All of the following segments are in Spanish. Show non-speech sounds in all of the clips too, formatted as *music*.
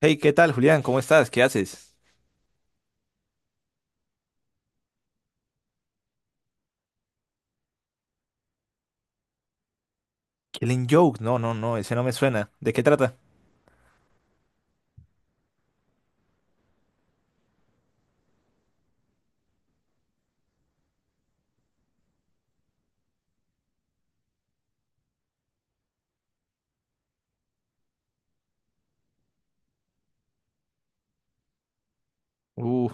Hey, ¿qué tal, Julián? ¿Cómo estás? ¿Qué haces? Killing Joke. No, no, no, ese no me suena. ¿De qué trata? Uh,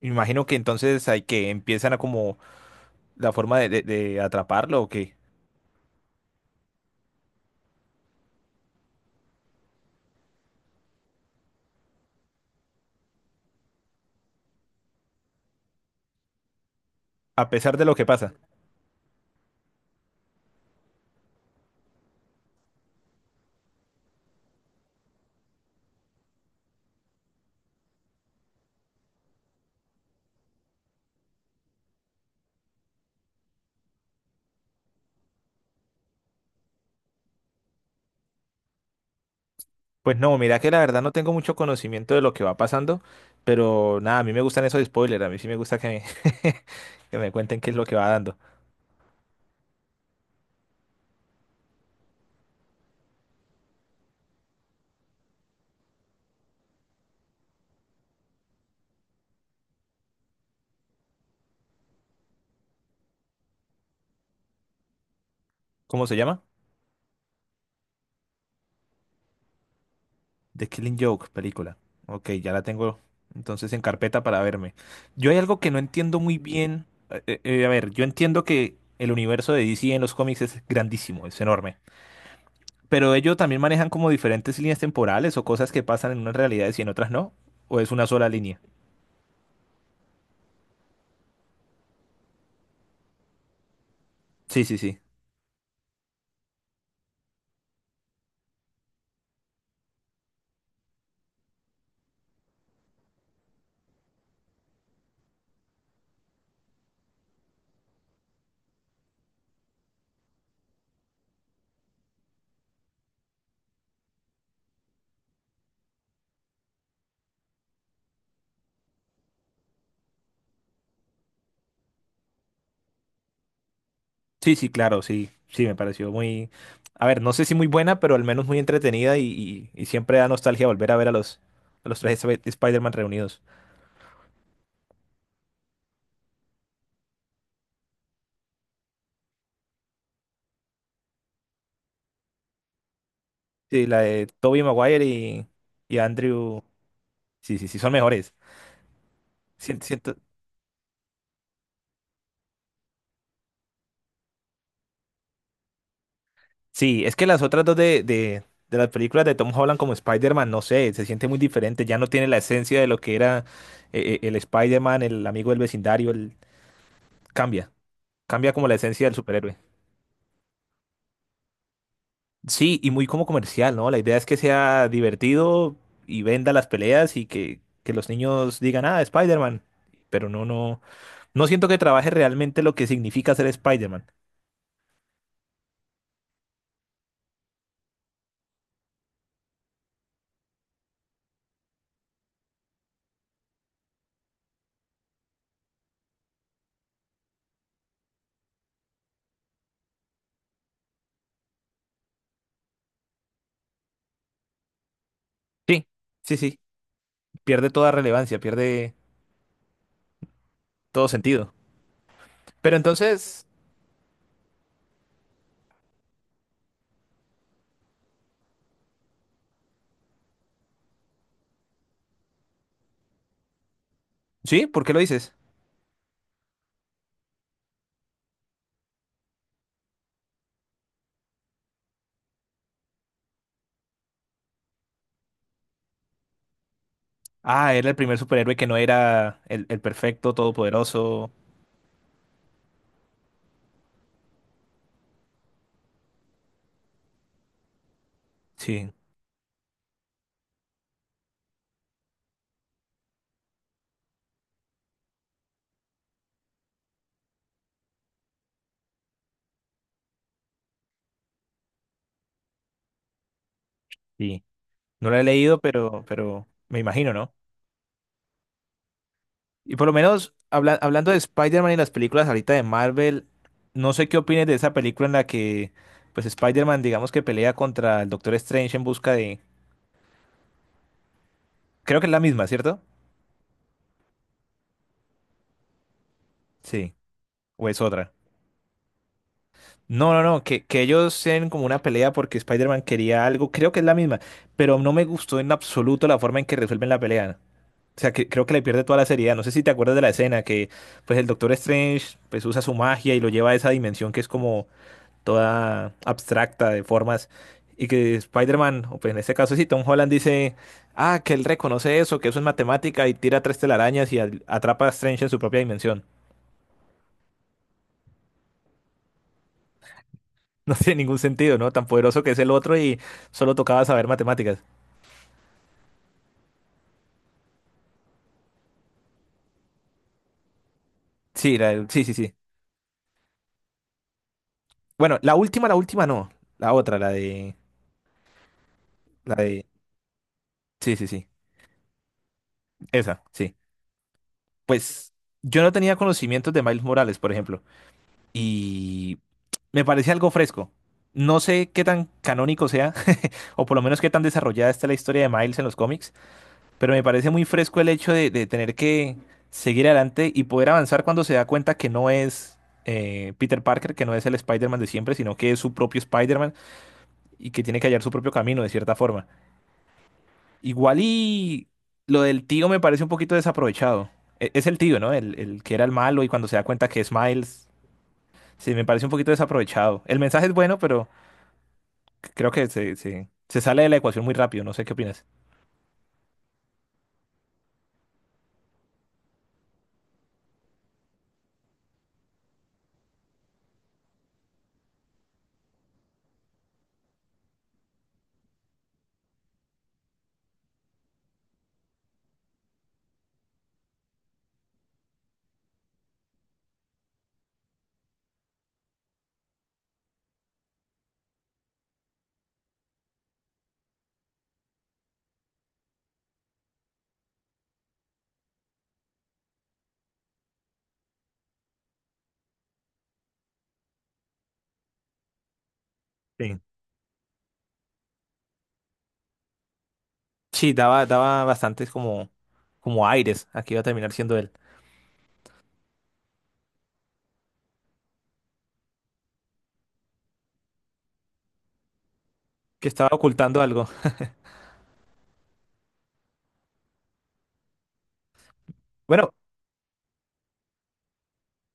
imagino que entonces hay que empiezan a como la forma de, de atraparlo o qué. A pesar de lo que pasa. Pues no, mira que la verdad no tengo mucho conocimiento de lo que va pasando, pero nada, a mí me gustan esos spoilers, a mí sí me gusta que me, *laughs* que me cuenten qué es lo que va dando. ¿Cómo se llama? The Killing Joke, película. Ok, ya la tengo entonces en carpeta para verme. Yo hay algo que no entiendo muy bien. A ver, yo entiendo que el universo de DC en los cómics es grandísimo, es enorme. Pero ellos también manejan como diferentes líneas temporales o cosas que pasan en unas realidades y en otras no. ¿O es una sola línea? Sí, sí, sí. Sí, sí, claro, sí. Sí, me pareció muy... A ver, no sé si muy buena, pero al menos muy entretenida y siempre da nostalgia volver a ver a los tres Spider-Man reunidos. Sí, la de Tobey Maguire y Andrew. Sí, sí, sí, son mejores. Siento, siento- Sí, es que las otras dos de, de las películas de Tom Holland como Spider-Man, no sé, se siente muy diferente. Ya no tiene la esencia de lo que era el Spider-Man, el amigo del vecindario. El... Cambia, cambia como la esencia del superhéroe. Sí, y muy como comercial, ¿no? La idea es que sea divertido y venda las peleas y que los niños digan, ah, Spider-Man. Pero no, no, no siento que trabaje realmente lo que significa ser Spider-Man. Sí, sí, sí. Pierde toda relevancia, pierde todo sentido. Pero entonces, ¿sí? ¿Por qué lo dices? Ah, era el primer superhéroe que no era el perfecto, todopoderoso. Sí, sí. No lo he leído, pero me imagino, ¿no? Y por lo menos, hablando de Spider-Man y las películas ahorita de Marvel, no sé qué opines de esa película en la que, pues, Spider-Man, digamos que pelea contra el Doctor Strange en busca de... Creo que es la misma, ¿cierto? Sí. ¿O es otra? No, no, no, que ellos tienen como una pelea porque Spider-Man quería algo, creo que es la misma, pero no me gustó en absoluto la forma en que resuelven la pelea. O sea, que creo que le pierde toda la seriedad. No sé si te acuerdas de la escena que pues el Doctor Strange pues usa su magia y lo lleva a esa dimensión que es como toda abstracta de formas y que Spider-Man, o pues en este caso sí, Tom Holland dice, ah, que él reconoce eso, que eso es matemática y tira tres telarañas y atrapa a Strange en su propia dimensión. *laughs* No tiene ningún sentido, ¿no? Tan poderoso que es el otro y solo tocaba saber matemáticas. Sí, sí, sí, sí. Bueno, la última no. La otra, la de, sí, sí, sí. Esa, sí. Pues yo no tenía conocimientos de Miles Morales, por ejemplo, y me parece algo fresco. No sé qué tan canónico sea, *laughs* o por lo menos qué tan desarrollada está la historia de Miles en los cómics, pero me parece muy fresco el hecho de tener que seguir adelante y poder avanzar cuando se da cuenta que no es Peter Parker, que no es el Spider-Man de siempre, sino que es su propio Spider-Man y que tiene que hallar su propio camino de cierta forma. Igual y lo del tío me parece un poquito desaprovechado. Es el tío, ¿no? El que era el malo y cuando se da cuenta que es Miles, sí, me parece un poquito desaprovechado. El mensaje es bueno, pero creo que se sale de la ecuación muy rápido, no sé qué opinas. Sí. Sí, daba, daba bastantes como, como aires a que iba a terminar siendo él, que estaba ocultando algo. Bueno,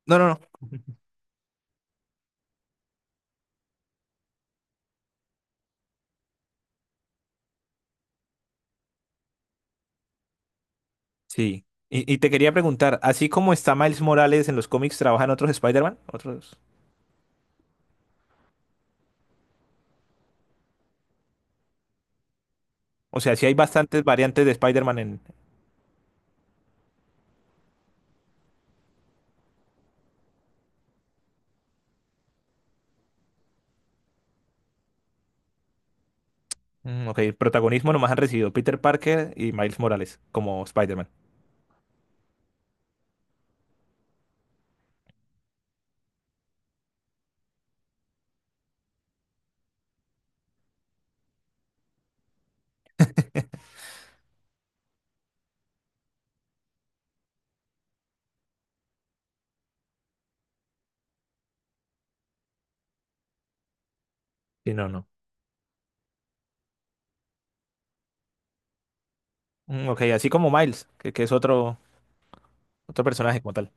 no, no, no. Sí. Y te quería preguntar, así como está Miles Morales en los cómics, ¿trabajan otros Spider-Man? Otros. O sea, sí hay bastantes variantes de Spider-Man en, mm, ok, protagonismo nomás han recibido Peter Parker y Miles Morales como Spider-Man. Sí, no, no. Mm, ok, así como Miles, que es otro, otro personaje como tal.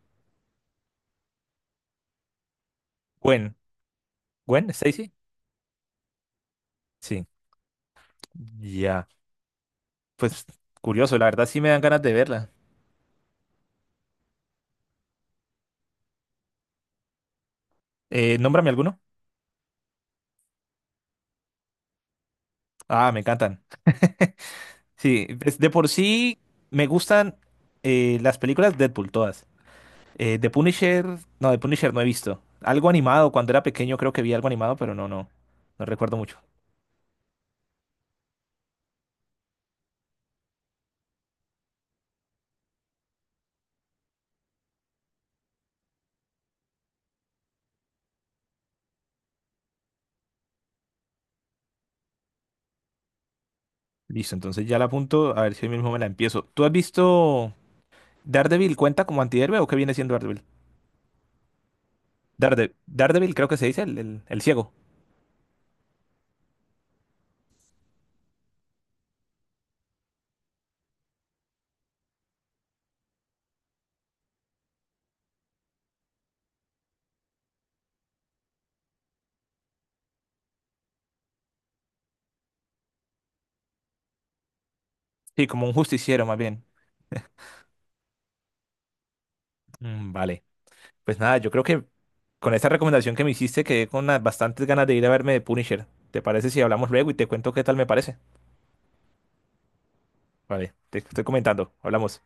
Gwen. ¿Gwen? ¿Stacy? Sí. Ya. Pues curioso, la verdad sí me dan ganas de verla. Nómbrame alguno. Ah, me encantan. Sí, pues, de por sí me gustan las películas Deadpool, todas. Eh, The Punisher, no, The Punisher no he visto. Algo animado, cuando era pequeño creo que vi algo animado, pero no, no, no recuerdo mucho. Listo, entonces ya la apunto, a ver si hoy mismo me la empiezo. ¿Tú has visto Daredevil cuenta como antihéroe o qué viene siendo Daredevil? Daredevil creo que se dice el, el ciego. Sí, como un justiciero más bien. Mm, vale, pues nada, yo creo que con esta recomendación que me hiciste quedé con unas bastantes ganas de ir a verme de Punisher. ¿Te parece si hablamos luego y te cuento qué tal me parece? Vale, te estoy comentando, hablamos.